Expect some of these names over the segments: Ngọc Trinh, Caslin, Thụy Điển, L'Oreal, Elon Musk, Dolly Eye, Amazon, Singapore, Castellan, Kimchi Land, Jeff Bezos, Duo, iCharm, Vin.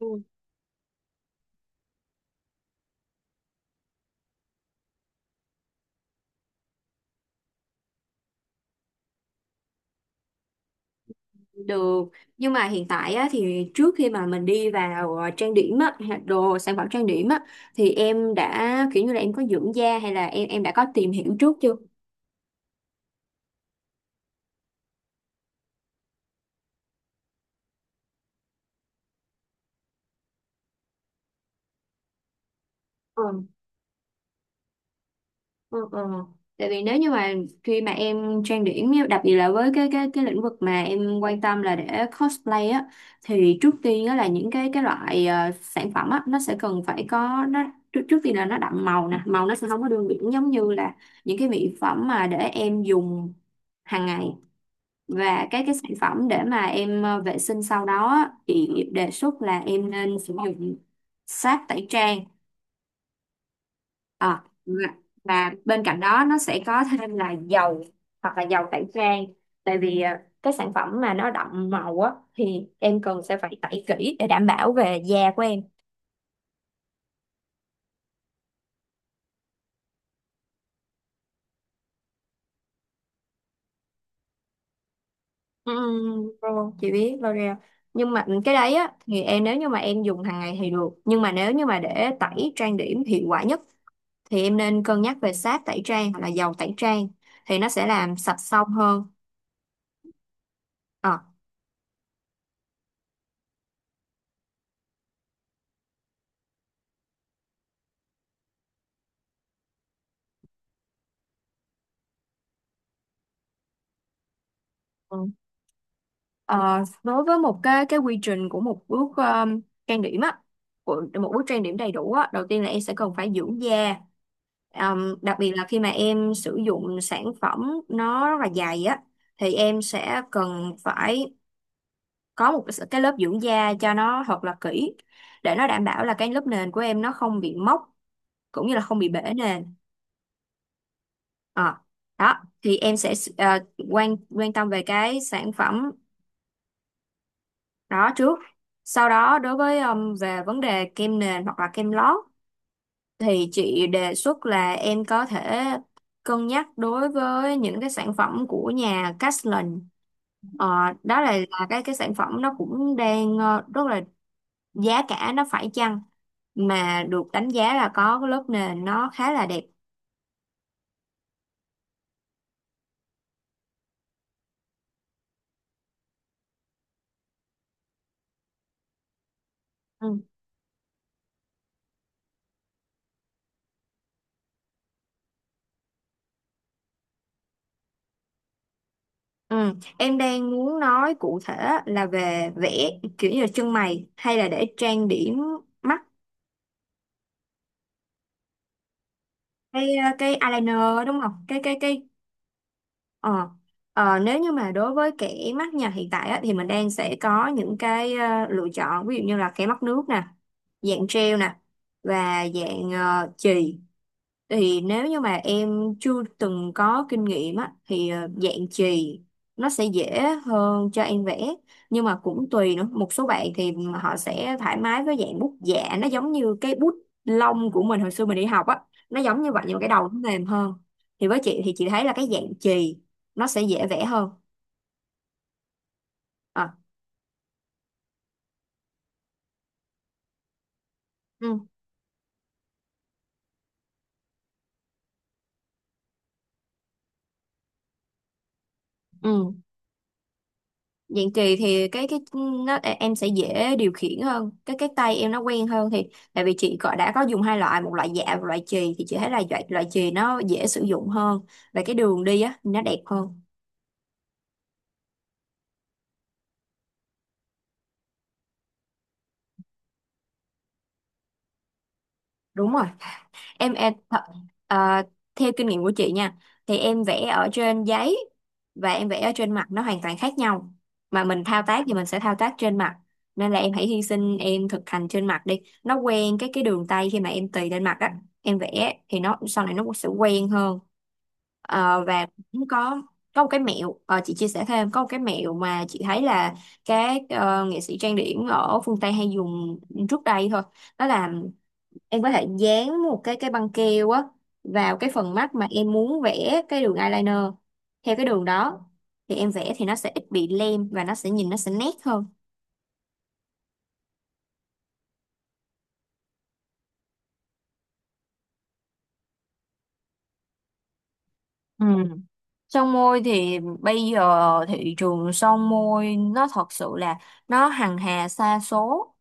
Ừ, được, nhưng mà hiện tại á, thì trước khi mà mình đi vào trang điểm á, hay là đồ sản phẩm trang điểm á, thì em đã kiểu như là em có dưỡng da hay là em đã có tìm hiểu trước chưa? Ừ. Ừ, ừ. Tại vì nếu như mà khi mà em trang điểm á, đặc biệt là với cái lĩnh vực mà em quan tâm là để cosplay á, thì trước tiên á là những cái loại sản phẩm á, nó sẽ cần phải có nó trước, trước tiên là nó đậm màu nè, màu nó sẽ không có đường biển giống như là những cái mỹ phẩm mà để em dùng hàng ngày. Và cái sản phẩm để mà em vệ sinh sau đó á, thì đề xuất là em nên sử dụng sáp tẩy trang, à, và, và bên cạnh đó nó sẽ có thêm là dầu hoặc là dầu tẩy trang, tại vì cái sản phẩm mà nó đậm màu á thì em cần sẽ phải tẩy kỹ để đảm bảo về da của em. Ồ, chị biết L'Oreal, nhưng mà cái đấy á thì em nếu như mà em dùng hàng ngày thì được, nhưng mà nếu như mà để tẩy trang điểm hiệu quả nhất thì em nên cân nhắc về sáp tẩy trang hoặc là dầu tẩy trang, thì nó sẽ làm sạch xong hơn. Ờ. Ờ, đối với một cái quy trình của một bước trang điểm á, của một bước trang điểm đầy đủ á, đầu tiên là em sẽ cần phải dưỡng da. Đặc biệt là khi mà em sử dụng sản phẩm nó rất là dày á, thì em sẽ cần phải có một cái lớp dưỡng da cho nó thật là kỹ, để nó đảm bảo là cái lớp nền của em nó không bị mốc cũng như là không bị bể nền. Ờ, đó thì em sẽ quan quan tâm về cái sản phẩm đó trước. Sau đó đối với về vấn đề kem nền hoặc là kem lót, thì chị đề xuất là em có thể cân nhắc đối với những cái sản phẩm của nhà Caslin. Ờ, đó là cái sản phẩm nó cũng đang rất là giá cả nó phải chăng, mà được đánh giá là có cái lớp nền nó khá là đẹp. Ừ. Ừ. Em đang muốn nói cụ thể là về vẽ, kiểu như là chân mày hay là để trang điểm mắt, cái cái eyeliner đúng không, cái cái ờ nếu như mà đối với kẻ mắt nhà hiện tại á, thì mình đang sẽ có những cái lựa chọn, ví dụ như là kẻ mắt nước nè, dạng gel nè, và dạng chì. Thì nếu như mà em chưa từng có kinh nghiệm á thì dạng chì nó sẽ dễ hơn cho em vẽ, nhưng mà cũng tùy nữa. Một số bạn thì họ sẽ thoải mái với dạng bút dạ, nó giống như cái bút lông của mình hồi xưa mình đi học á, nó giống như vậy nhưng mà cái đầu nó mềm hơn. Thì với chị thì chị thấy là cái dạng chì nó sẽ dễ vẽ hơn. à, ừ, ừ. Dạng kỳ thì em sẽ dễ điều khiển hơn, cái tay em nó quen hơn thì. Tại vì chị có đã có dùng hai loại, một loại dạ và loại chì, thì chị thấy là loại loại chì nó dễ sử dụng hơn và cái đường đi á nó đẹp hơn. Đúng rồi, em em th- à, theo kinh nghiệm của chị nha, thì em vẽ ở trên giấy và em vẽ ở trên mặt nó hoàn toàn khác nhau. Mà mình thao tác thì mình sẽ thao tác trên mặt, nên là em hãy hy sinh em thực hành trên mặt đi, nó quen cái đường tay, khi mà em tì lên mặt á em vẽ thì nó sau này nó cũng sẽ quen hơn. Và cũng có một cái mẹo, chị chia sẻ thêm, có một cái mẹo mà chị thấy là các nghệ sĩ trang điểm ở phương Tây hay dùng trước đây thôi, đó là em có thể dán một cái băng keo á vào cái phần mắt mà em muốn vẽ cái đường eyeliner. Theo cái đường đó thì em vẽ thì nó sẽ ít bị lem và nó sẽ nhìn nó sẽ nét hơn. Ừ. Son môi thì bây giờ thị trường son môi nó thật sự là nó hằng hà sa số,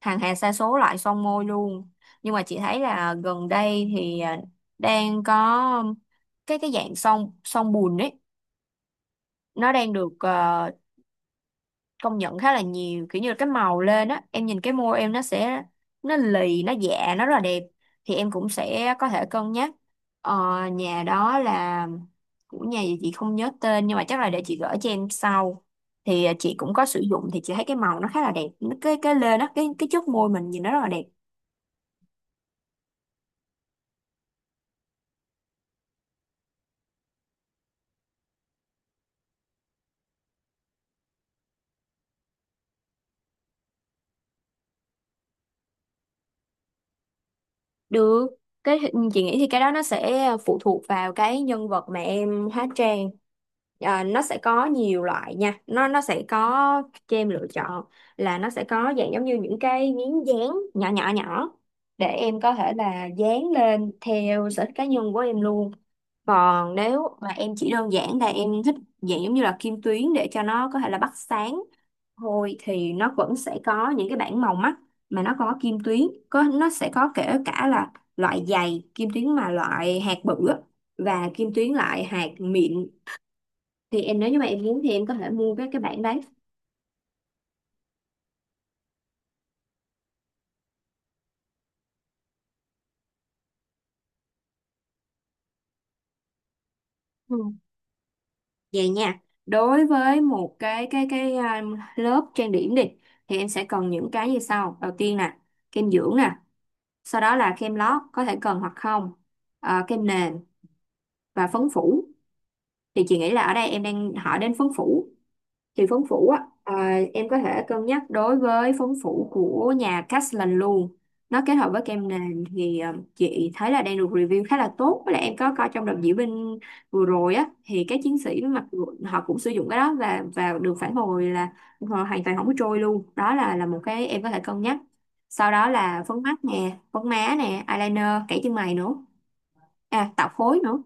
hằng hà sa số loại son môi luôn. Nhưng mà chị thấy là gần đây thì đang có cái dạng son son bùn ấy, nó đang được công nhận khá là nhiều, kiểu như là cái màu lên á em nhìn cái môi em nó sẽ nó lì nó dạ nó rất là đẹp. Thì em cũng sẽ có thể cân nhắc, ờ, nhà đó là của nhà gì chị không nhớ tên, nhưng mà chắc là để chị gửi cho em sau. Thì chị cũng có sử dụng thì chị thấy cái màu nó khá là đẹp. Cái lên á, cái chất môi mình nhìn nó rất là đẹp. Được, cái chị nghĩ thì cái đó nó sẽ phụ thuộc vào cái nhân vật mà em hóa trang. Nó sẽ có nhiều loại nha, nó sẽ có cho em lựa chọn là nó sẽ có dạng giống như những cái miếng dán nhỏ nhỏ nhỏ, để em có thể là dán lên theo sở thích cá nhân của em luôn. Còn nếu mà em chỉ đơn giản là em thích dạng giống như là kim tuyến để cho nó có thể là bắt sáng thôi, thì nó vẫn sẽ có những cái bảng màu mắt mà nó có kim tuyến, nó sẽ có kể cả là loại dày kim tuyến mà loại hạt bự á, và kim tuyến loại hạt mịn. Thì em nếu như mà em muốn thì em có thể mua cái bảng đấy. Ừ. Vậy nha, đối với một cái lớp trang điểm đi, thì em sẽ cần những cái như sau. Đầu tiên nè, kem dưỡng nè, sau đó là kem lót có thể cần hoặc không. Kem nền và phấn phủ. Thì chị nghĩ là ở đây em đang hỏi đến phấn phủ, thì phấn phủ á, em có thể cân nhắc đối với phấn phủ của nhà Castellan luôn. Nó kết hợp với kem nền thì chị thấy là đang được review khá là tốt, với lại em có coi trong đợt diễu binh vừa rồi á thì các chiến sĩ mặc dù họ cũng sử dụng cái đó và được phản hồi là họ hoàn toàn không có trôi luôn. Đó là một cái em có thể cân nhắc. Sau đó là phấn mắt nè, phấn má nè, eyeliner, kẻ chân mày nữa, tạo khối nữa.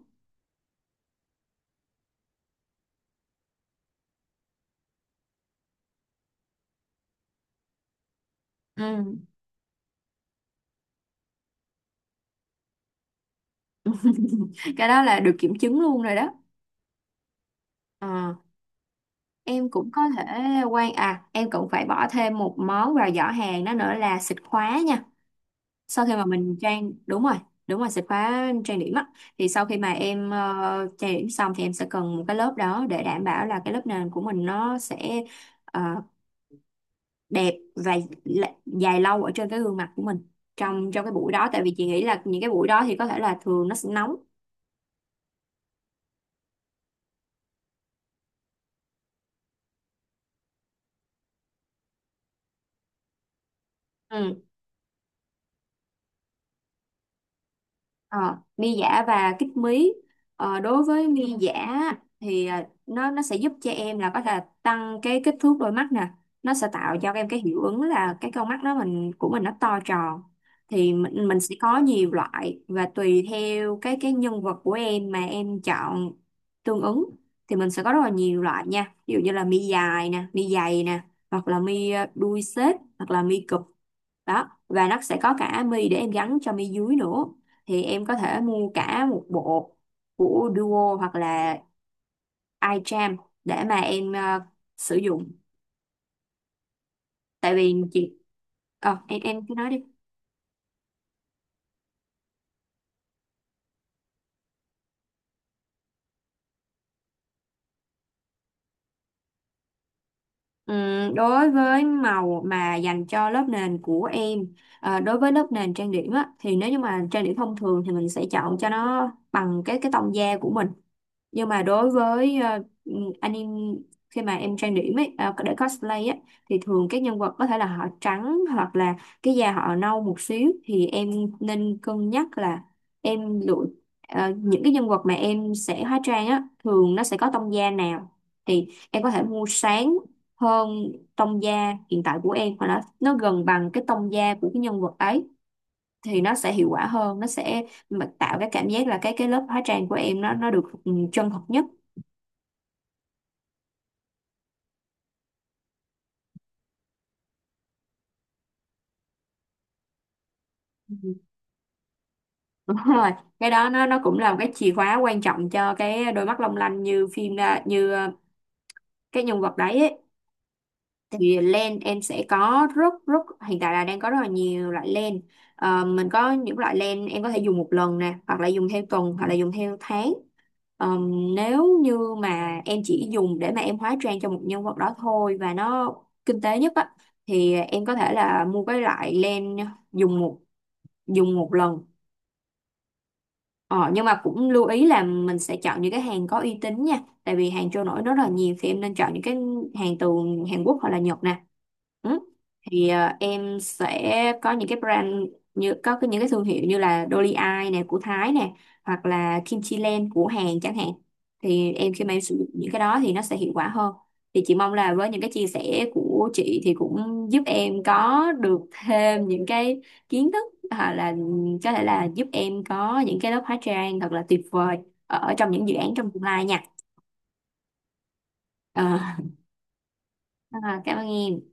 Ừ. Cái đó là được kiểm chứng luôn rồi đó. Ờ. em cũng có thể quan à Em cũng phải bỏ thêm một món vào giỏ hàng đó nữa là xịt khóa nha, sau khi mà mình đúng rồi. Đúng rồi, xịt khóa trang điểm á, thì sau khi mà em trang điểm xong thì em sẽ cần một cái lớp đó, để đảm bảo là cái lớp nền của mình nó sẽ ờ, đẹp và dài lâu ở trên cái gương mặt của mình trong trong cái buổi đó. Tại vì chị nghĩ là những cái buổi đó thì có thể là thường nó sẽ nóng. Ừ. Ờ, Mi giả và kích mí. Đối với mi giả thì nó sẽ giúp cho em là có thể tăng cái kích thước đôi mắt nè, nó sẽ tạo cho em cái hiệu ứng là cái con mắt đó mình của mình nó to tròn. Thì mình sẽ có nhiều loại và tùy theo cái nhân vật của em mà em chọn tương ứng. Thì mình sẽ có rất là nhiều loại nha, ví dụ như là mi dài nè, mi dày nè, hoặc là mi đuôi xếp, hoặc là mi cụp. Đó, và nó sẽ có cả mi để em gắn cho mi dưới nữa, thì em có thể mua cả một bộ của Duo hoặc là iCharm để mà em sử dụng. Tại vì chị em cứ nói đi. Đối với màu mà dành cho lớp nền của em, đối với lớp nền trang điểm á, thì nếu như mà trang điểm thông thường thì mình sẽ chọn cho nó bằng cái tông da của mình. Nhưng mà đối với anime, khi mà em trang điểm ấy để cosplay á, thì thường các nhân vật có thể là họ trắng hoặc là cái da họ nâu một xíu, thì em nên cân nhắc là em lựa những cái nhân vật mà em sẽ hóa trang á thường nó sẽ có tông da nào, thì em có thể mua sáng hơn tông da hiện tại của em hoặc là nó gần bằng cái tông da của cái nhân vật ấy, thì nó sẽ hiệu quả hơn, nó sẽ mà tạo cái cảm giác là cái lớp hóa trang của em nó được chân thật nhất. Đúng rồi, cái đó nó cũng là một cái chìa khóa quan trọng cho cái đôi mắt long lanh như phim, như cái nhân vật đấy ấy. Thì len em sẽ có rất rất hiện tại là đang có rất là nhiều loại len. Mình có những loại len em có thể dùng một lần nè, hoặc là dùng theo tuần hoặc là dùng theo tháng. Nếu như mà em chỉ dùng để mà em hóa trang cho một nhân vật đó thôi và nó kinh tế nhất á, thì em có thể là mua cái loại len dùng một dùng một lần. Ờ, nhưng mà cũng lưu ý là mình sẽ chọn những cái hàng có uy tín nha, tại vì hàng trôi nổi rất là nhiều, thì em nên chọn những cái hàng từ Hàn Quốc hoặc là Nhật nè. Ừ. Thì em sẽ có những cái brand, những cái thương hiệu như là Dolly Eye nè của Thái nè, hoặc là Kimchi Land của Hàn chẳng hạn. Thì em khi mà em sử dụng những cái đó thì nó sẽ hiệu quả hơn. Thì chị mong là với những cái chia sẻ của chị thì cũng giúp em có được thêm những cái kiến thức, là có thể là giúp em có những cái lớp hóa trang thật là tuyệt vời ở, trong những dự án trong tương lai nha. Ờ, Cảm ơn em.